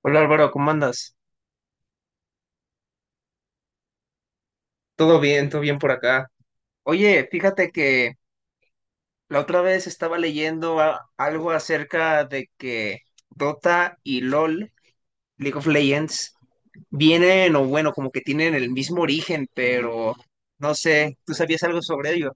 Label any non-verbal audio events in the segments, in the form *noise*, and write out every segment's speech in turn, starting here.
Hola Álvaro, ¿cómo andas? Todo bien por acá. Oye, fíjate que la otra vez estaba leyendo algo acerca de que Dota y LOL, League of Legends, vienen o bueno, como que tienen el mismo origen, pero no sé, ¿tú sabías algo sobre ello?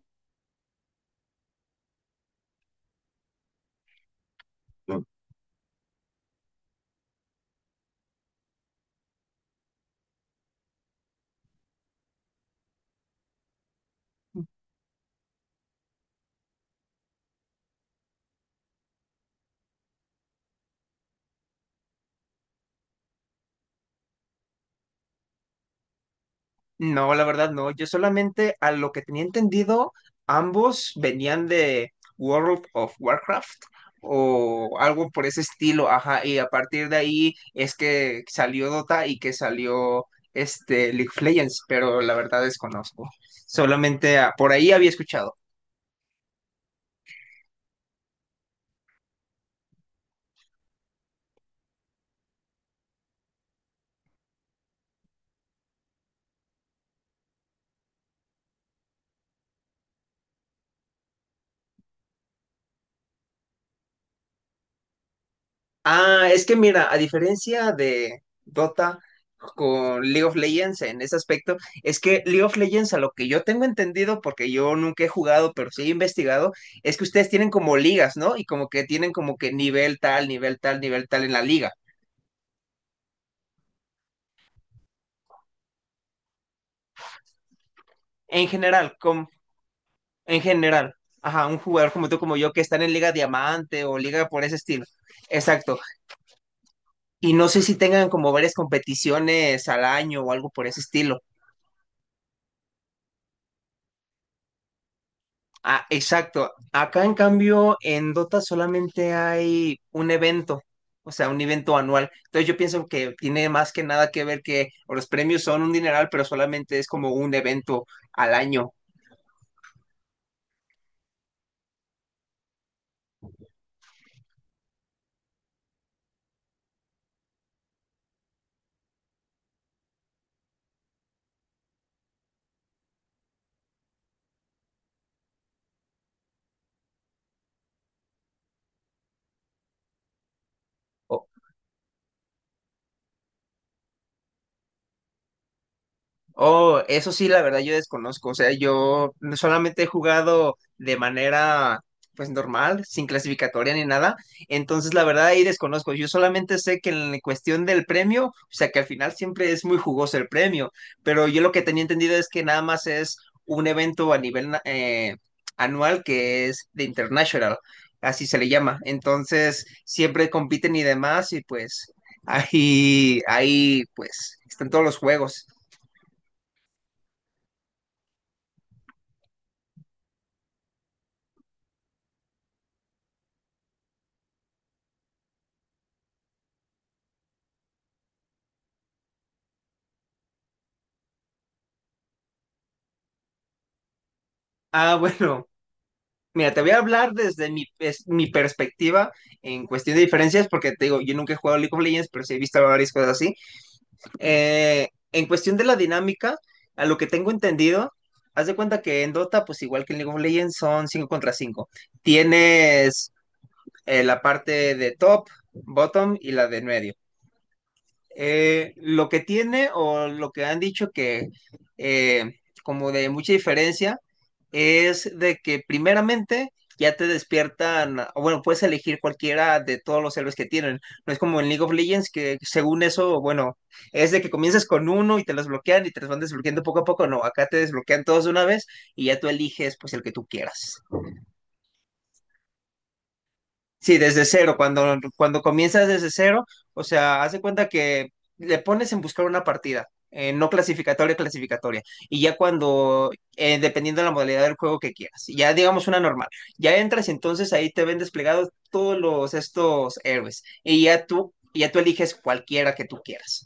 No, la verdad no. Yo solamente a lo que tenía entendido, ambos venían de World of Warcraft o algo por ese estilo, ajá, y a partir de ahí es que salió Dota y que salió este League of Legends, pero la verdad desconozco. Solamente por ahí había escuchado. Ah, es que mira, a diferencia de Dota con League of Legends en ese aspecto, es que League of Legends, a lo que yo tengo entendido, porque yo nunca he jugado, pero sí he investigado, es que ustedes tienen como ligas, ¿no? Y como que tienen como que nivel tal, nivel tal, nivel tal en la liga. En general, como, en general. Ajá, un jugador como tú, como yo, que están en Liga Diamante o Liga por ese estilo. Exacto. Y no sé si tengan como varias competiciones al año o algo por ese estilo. Ah, exacto. Acá en cambio, en Dota solamente hay un evento, o sea, un evento anual. Entonces yo pienso que tiene más que nada que ver que o los premios son un dineral, pero solamente es como un evento al año. O, Oh, eso sí, la verdad yo desconozco. O sea, yo solamente he jugado de manera pues normal, sin clasificatoria ni nada. Entonces, la verdad ahí desconozco. Yo solamente sé que en cuestión del premio, o sea, que al final siempre es muy jugoso el premio, pero yo lo que tenía entendido es que nada más es un evento a nivel anual que es de International, así se le llama. Entonces, siempre compiten y demás y pues ahí pues están todos los juegos. Ah, bueno, mira, te voy a hablar desde mi perspectiva en cuestión de diferencias, porque te digo, yo nunca he jugado League of Legends, pero sí he visto varias cosas así. En cuestión de la dinámica, a lo que tengo entendido, haz de cuenta que en Dota, pues igual que en League of Legends, son 5 contra 5. Tienes la parte de top, bottom y la de en medio. Lo que tiene o lo que han dicho que eh, como de mucha diferencia es de que primeramente ya te despiertan, o bueno, puedes elegir cualquiera de todos los héroes que tienen. No es como en League of Legends que según eso, bueno, es de que comienzas con uno y te los bloquean y te los van desbloqueando poco a poco. No, acá te desbloquean todos de una vez y ya tú eliges pues el que tú quieras. Sí, desde cero, cuando comienzas desde cero, o sea, haz de cuenta que le pones en buscar una partida, no clasificatoria, clasificatoria, y ya cuando, dependiendo de la modalidad del juego que quieras, ya digamos una normal, ya entras y entonces ahí te ven desplegados todos los, estos héroes, y ya tú eliges cualquiera que tú quieras.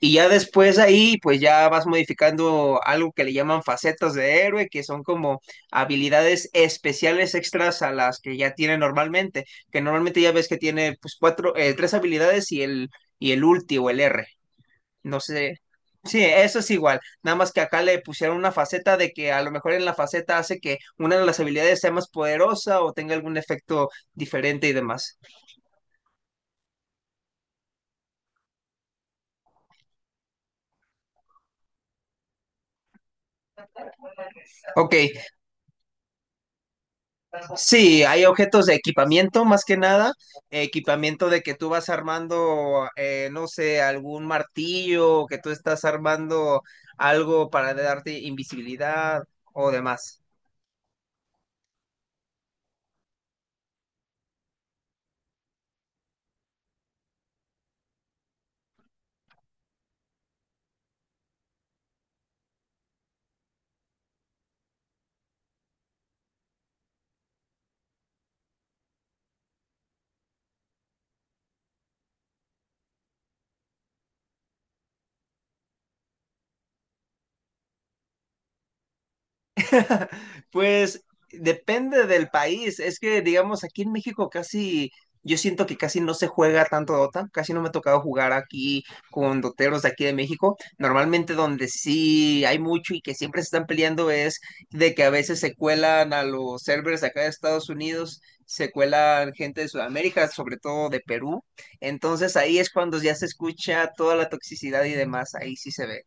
Y ya después ahí, pues ya vas modificando algo que le llaman facetas de héroe, que son como habilidades especiales extras a las que ya tiene normalmente, que normalmente ya ves que tiene pues cuatro, tres habilidades y y el ulti o el R. No sé. Sí, eso es igual. Nada más que acá le pusieron una faceta de que a lo mejor en la faceta hace que una de las habilidades sea más poderosa o tenga algún efecto diferente y demás. Ok. Sí, hay objetos de equipamiento más que nada, equipamiento de que tú vas armando, no sé, algún martillo, que tú estás armando algo para darte invisibilidad o demás. *laughs* Pues depende del país. Es que, digamos, aquí en México casi, yo siento que casi no se juega tanto Dota. Casi no me ha tocado jugar aquí con doteros de aquí de México. Normalmente donde sí hay mucho y que siempre se están peleando es de que a veces se cuelan a los servers de acá de Estados Unidos, se cuelan gente de Sudamérica, sobre todo de Perú. Entonces ahí es cuando ya se escucha toda la toxicidad y demás. Ahí sí se ve.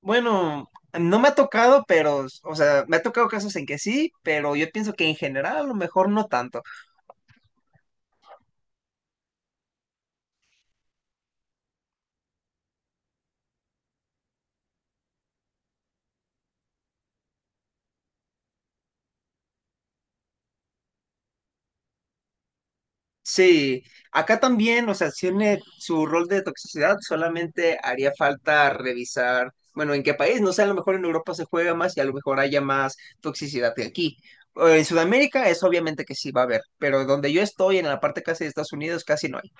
Bueno, no me ha tocado, pero, o sea, me ha tocado casos en que sí, pero yo pienso que en general a lo mejor no tanto. Sí, acá también, o sea, tiene su rol de toxicidad, solamente haría falta revisar, bueno, en qué país, no sé, a lo mejor en Europa se juega más y a lo mejor haya más toxicidad que aquí. En Sudamérica es obviamente que sí va a haber, pero donde yo estoy, en la parte casi de Estados Unidos, casi no hay.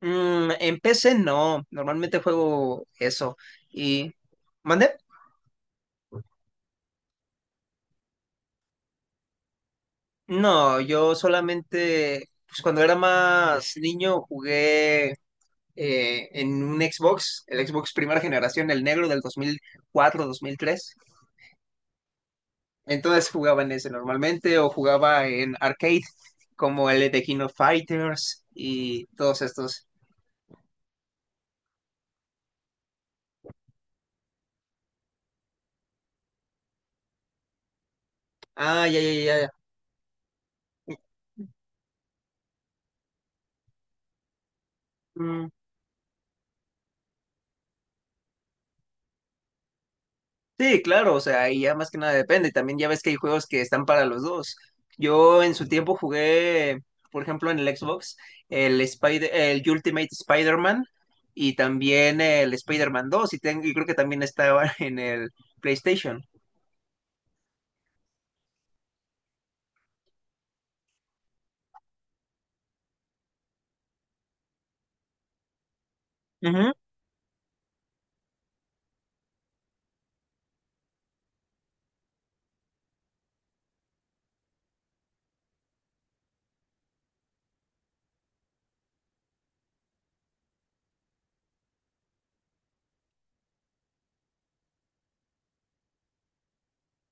Mm, en PC no, normalmente juego eso. Y... ¿Mande? No, yo solamente, pues cuando era más niño jugué en un Xbox, el Xbox primera generación, el negro del dos mil cuatro, 2003. Entonces jugaba en ese normalmente o jugaba en arcade, como el de King of Fighters y todos estos. Ah, ya, ya, ya, ya. Sí, claro, o sea, y ya más que nada depende. También ya ves que hay juegos que están para los dos. Yo en su tiempo jugué, por ejemplo, en el Xbox, el Ultimate Spider-Man y también el Spider-Man 2 y creo que también estaba *laughs* en el PlayStation.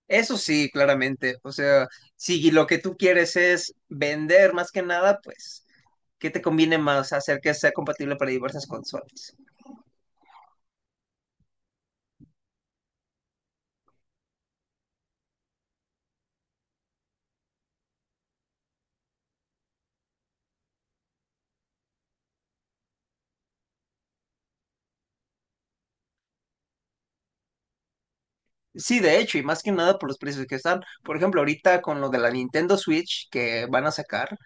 Eso sí, claramente. O sea, si lo que tú quieres es vender más que nada, pues, ¿qué te conviene más? Hacer que sea compatible para diversas consolas. Sí, de hecho, y más que nada por los precios que están. Por ejemplo, ahorita con lo de la Nintendo Switch que van a sacar,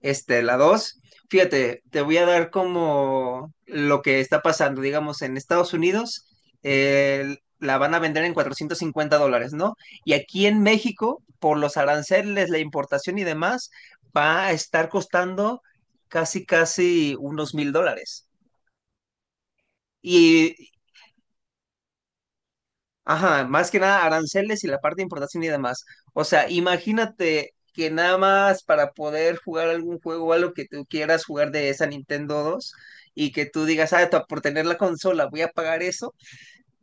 la dos. Fíjate, te voy a dar como lo que está pasando, digamos, en Estados Unidos, la van a vender en $450, ¿no? Y aquí en México, por los aranceles, la importación y demás, va a estar costando casi, casi unos $1,000. Y, Ajá, más que nada aranceles y la parte de importación y demás. O sea, imagínate que nada más para poder jugar algún juego o algo que tú quieras jugar de esa Nintendo 2 y que tú digas, por tener la consola voy a pagar eso.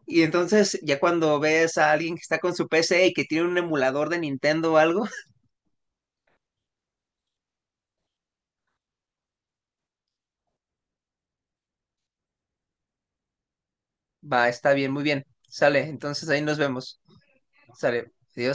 Y entonces ya cuando ves a alguien que está con su PC y que tiene un emulador de Nintendo o algo, *laughs* va, está bien, muy bien. Sale, entonces ahí nos vemos. Sale, adiós.